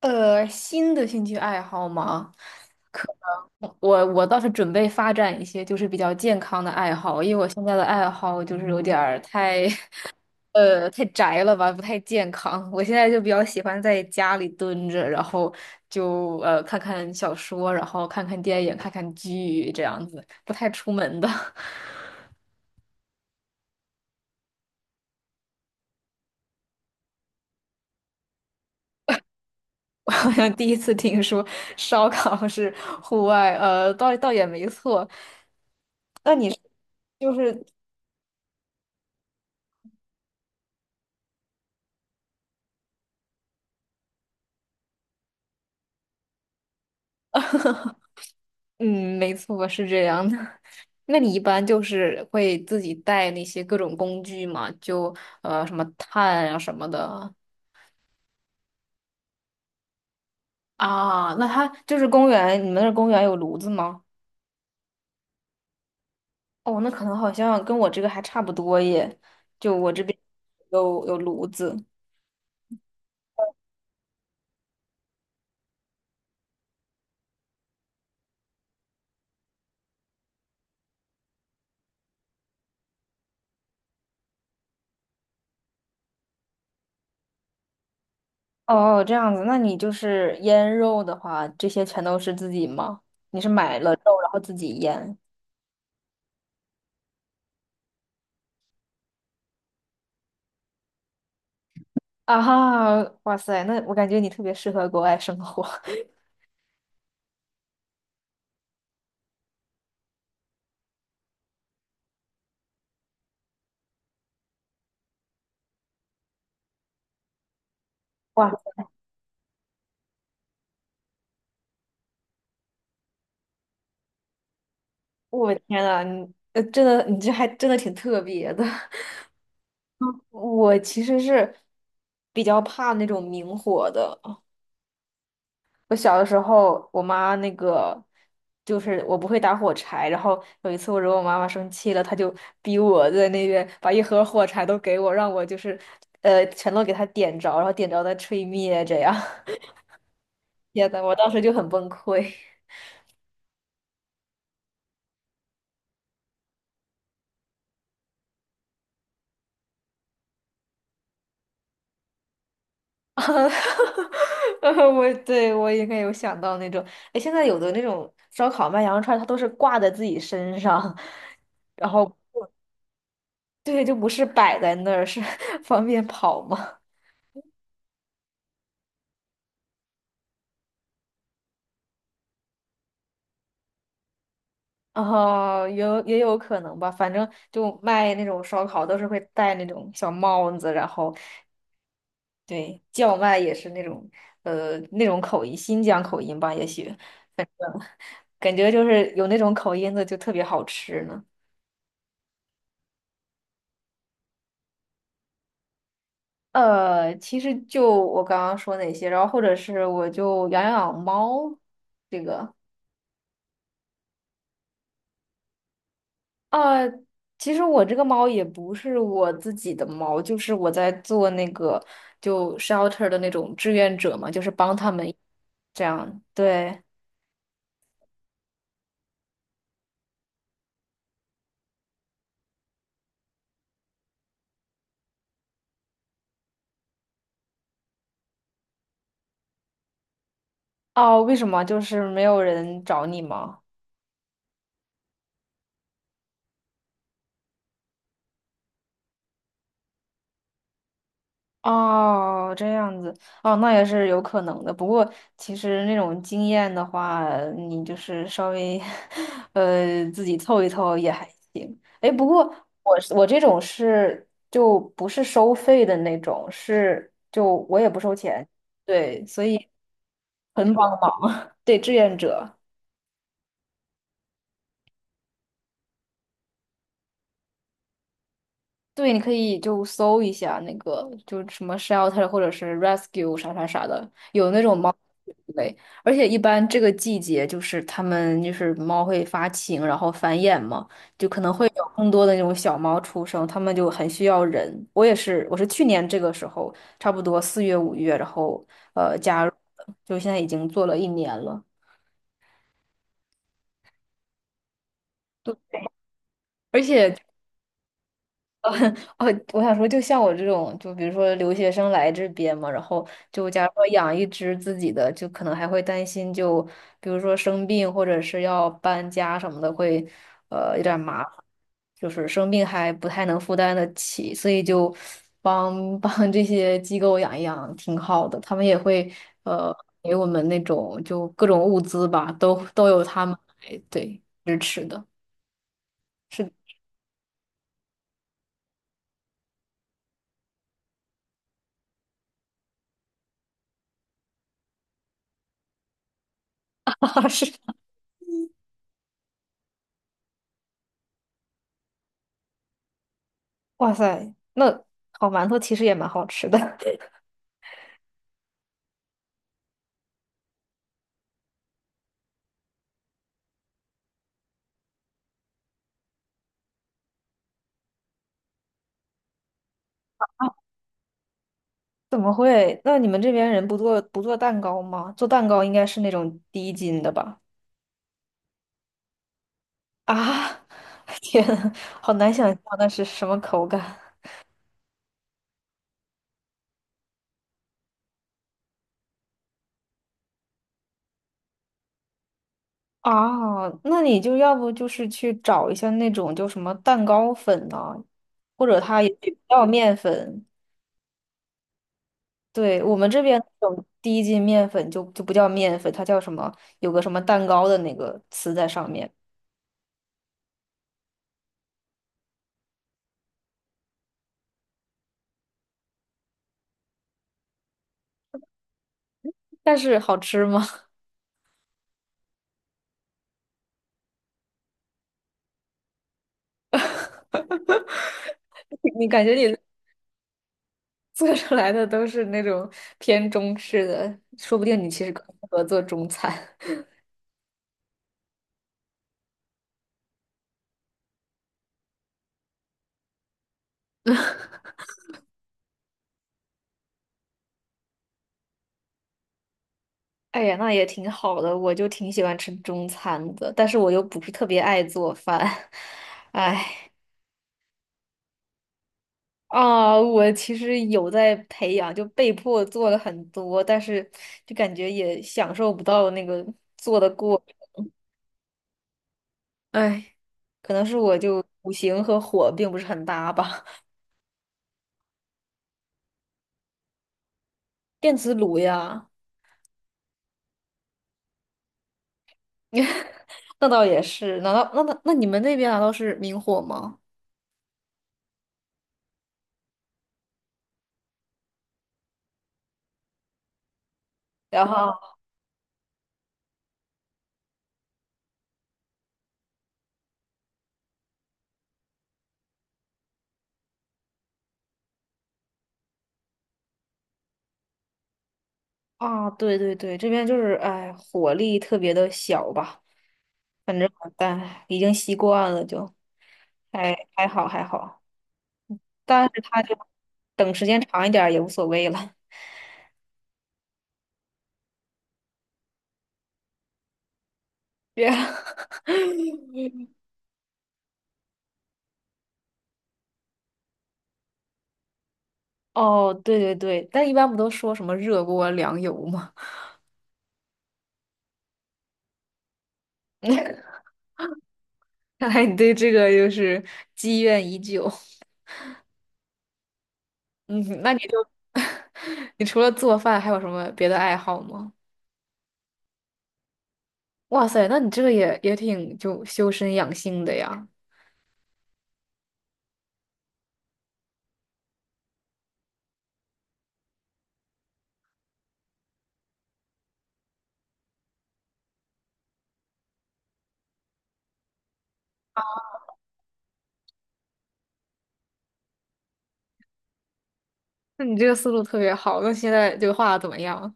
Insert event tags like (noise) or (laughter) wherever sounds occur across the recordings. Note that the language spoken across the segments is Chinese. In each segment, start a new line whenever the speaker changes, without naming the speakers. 新的兴趣爱好吗？可能我倒是准备发展一些就是比较健康的爱好，因为我现在的爱好就是有点儿太 (laughs) 太宅了吧，不太健康。我现在就比较喜欢在家里蹲着，然后就看看小说，然后看看电影，看看剧这样子，不太出门的。(laughs) 我好像第一次听说烧烤是户外，倒也没错。那你是就是嗯，没错，是这样的。(laughs) 那你一般就是会自己带那些各种工具嘛？就什么炭啊什么的。啊，那它就是公园，你们那儿公园有炉子吗？哦，那可能好像跟我这个还差不多耶。就我这边有炉子。哦，这样子，那你就是腌肉的话，这些全都是自己吗？你是买了肉然后自己腌？啊哈，哇塞，那我感觉你特别适合国外生活。(laughs) 哇。我天呐，你，真的，你这还真的挺特别的。(laughs) 我其实是比较怕那种明火的。我小的时候，我妈那个就是我不会打火柴，然后有一次我惹我妈妈生气了，她就逼我在那边把一盒火柴都给我，让我就是全都给她点着，然后点着再吹灭，这样。(laughs) 天呐，我当时就很崩溃。(laughs) 我对我应该有想到那种，哎，现在有的那种烧烤卖羊肉串儿它都是挂在自己身上，(laughs) 然后对，就不是摆在那儿，是 (laughs) 方便跑嘛。哦，也有也有可能吧，反正就卖那种烧烤都是会戴那种小帽子，然后对叫卖也是那种那种口音，新疆口音吧，也许，反正感觉就是有那种口音的就特别好吃呢。其实就我刚刚说那些，然后或者是我就养养猫，这个啊，其实我这个猫也不是我自己的猫，就是我在做那个就 shelter 的那种志愿者嘛，就是帮他们这样。对，哦，为什么就是没有人找你吗？哦，这样子，哦，那也是有可能的。不过，其实那种经验的话，你就是稍微，(laughs) 自己凑一凑也还行。哎，不过我是我这种是就不是收费的那种，是就我也不收钱，对，所以很帮忙，(laughs) 对，志愿者。对，你可以就搜一下那个，就什么 shelter 或者是 rescue 啥啥啥的，有那种猫类，而且一般这个季节就是它们就是猫会发情，然后繁衍嘛，就可能会有更多的那种小猫出生，它们就很需要人。我也是，我是去年这个时候，差不多四月五月，然后加入的，就现在已经做了一年了。而且。哦，我想说，就像我这种，就比如说留学生来这边嘛，然后就假如说养一只自己的，就可能还会担心就，比如说生病或者是要搬家什么的，会有点麻烦，就是生病还不太能负担得起，所以就帮 (laughs) 帮这些机构养一养挺好的，他们也会呃给我们那种就各种物资吧，都有他们来对支持的，是的，(laughs) 是。哇塞，那烤馒头其实也蛮好吃的。(laughs) 怎么会？那你们这边人不做蛋糕吗？做蛋糕应该是那种低筋的吧？啊，(laughs) 天呐，好难想象那是什么口感。啊！那你就要不就是去找一下那种叫什么蛋糕粉啊，或者它也不叫面粉。对，我们这边那种低筋面粉就不叫面粉，它叫什么？有个什么蛋糕的那个词在上面，但是好吃吗？(laughs) 你感觉你做出来的都是那种偏中式的，说不定你其实更适合做中餐。哎呀，那也挺好的，我就挺喜欢吃中餐的，但是我又不是特别爱做饭。(laughs) 哎，啊，我其实有在培养，就被迫做了很多，但是就感觉也享受不到那个做的过程。哎，可能是我就五行和火并不是很搭吧。电磁炉呀。(laughs) 那倒也是，难道那你们那边难道是明火吗？然后啊，对对对，这边就是哎，火力特别的小吧，反正但已经习惯了就，还还好还好，但是他就等时间长一点儿也无所谓了，别 (laughs) 哦，对对对，但一般不都说什么热锅凉油吗？(laughs) 看来你对这个就是积怨已久，嗯，那你就 (laughs) 你除了做饭还有什么别的爱好吗？哇塞，那你这个也也挺就修身养性的呀。那你这个思路特别好。那现在这个画的怎么样？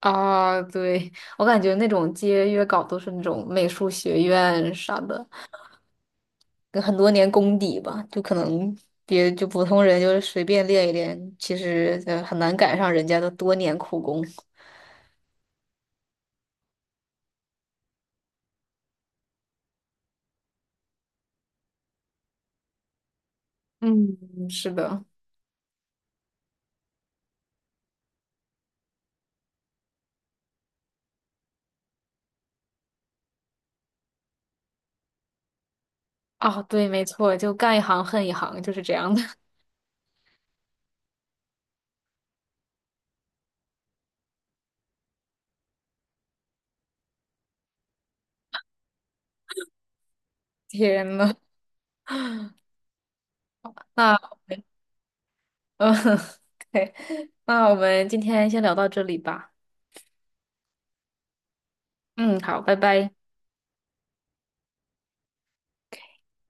啊，对，我感觉那种接约稿都是那种美术学院啥的，跟很多年功底吧，就可能别就普通人就是随便练一练，其实很难赶上人家的多年苦功。嗯，是的。啊，对，没错，就干一行恨一行，就是这样的。(laughs) 天呐，那。嗯，(laughs) 对，那我们今天先聊到这里吧。嗯，好，拜拜。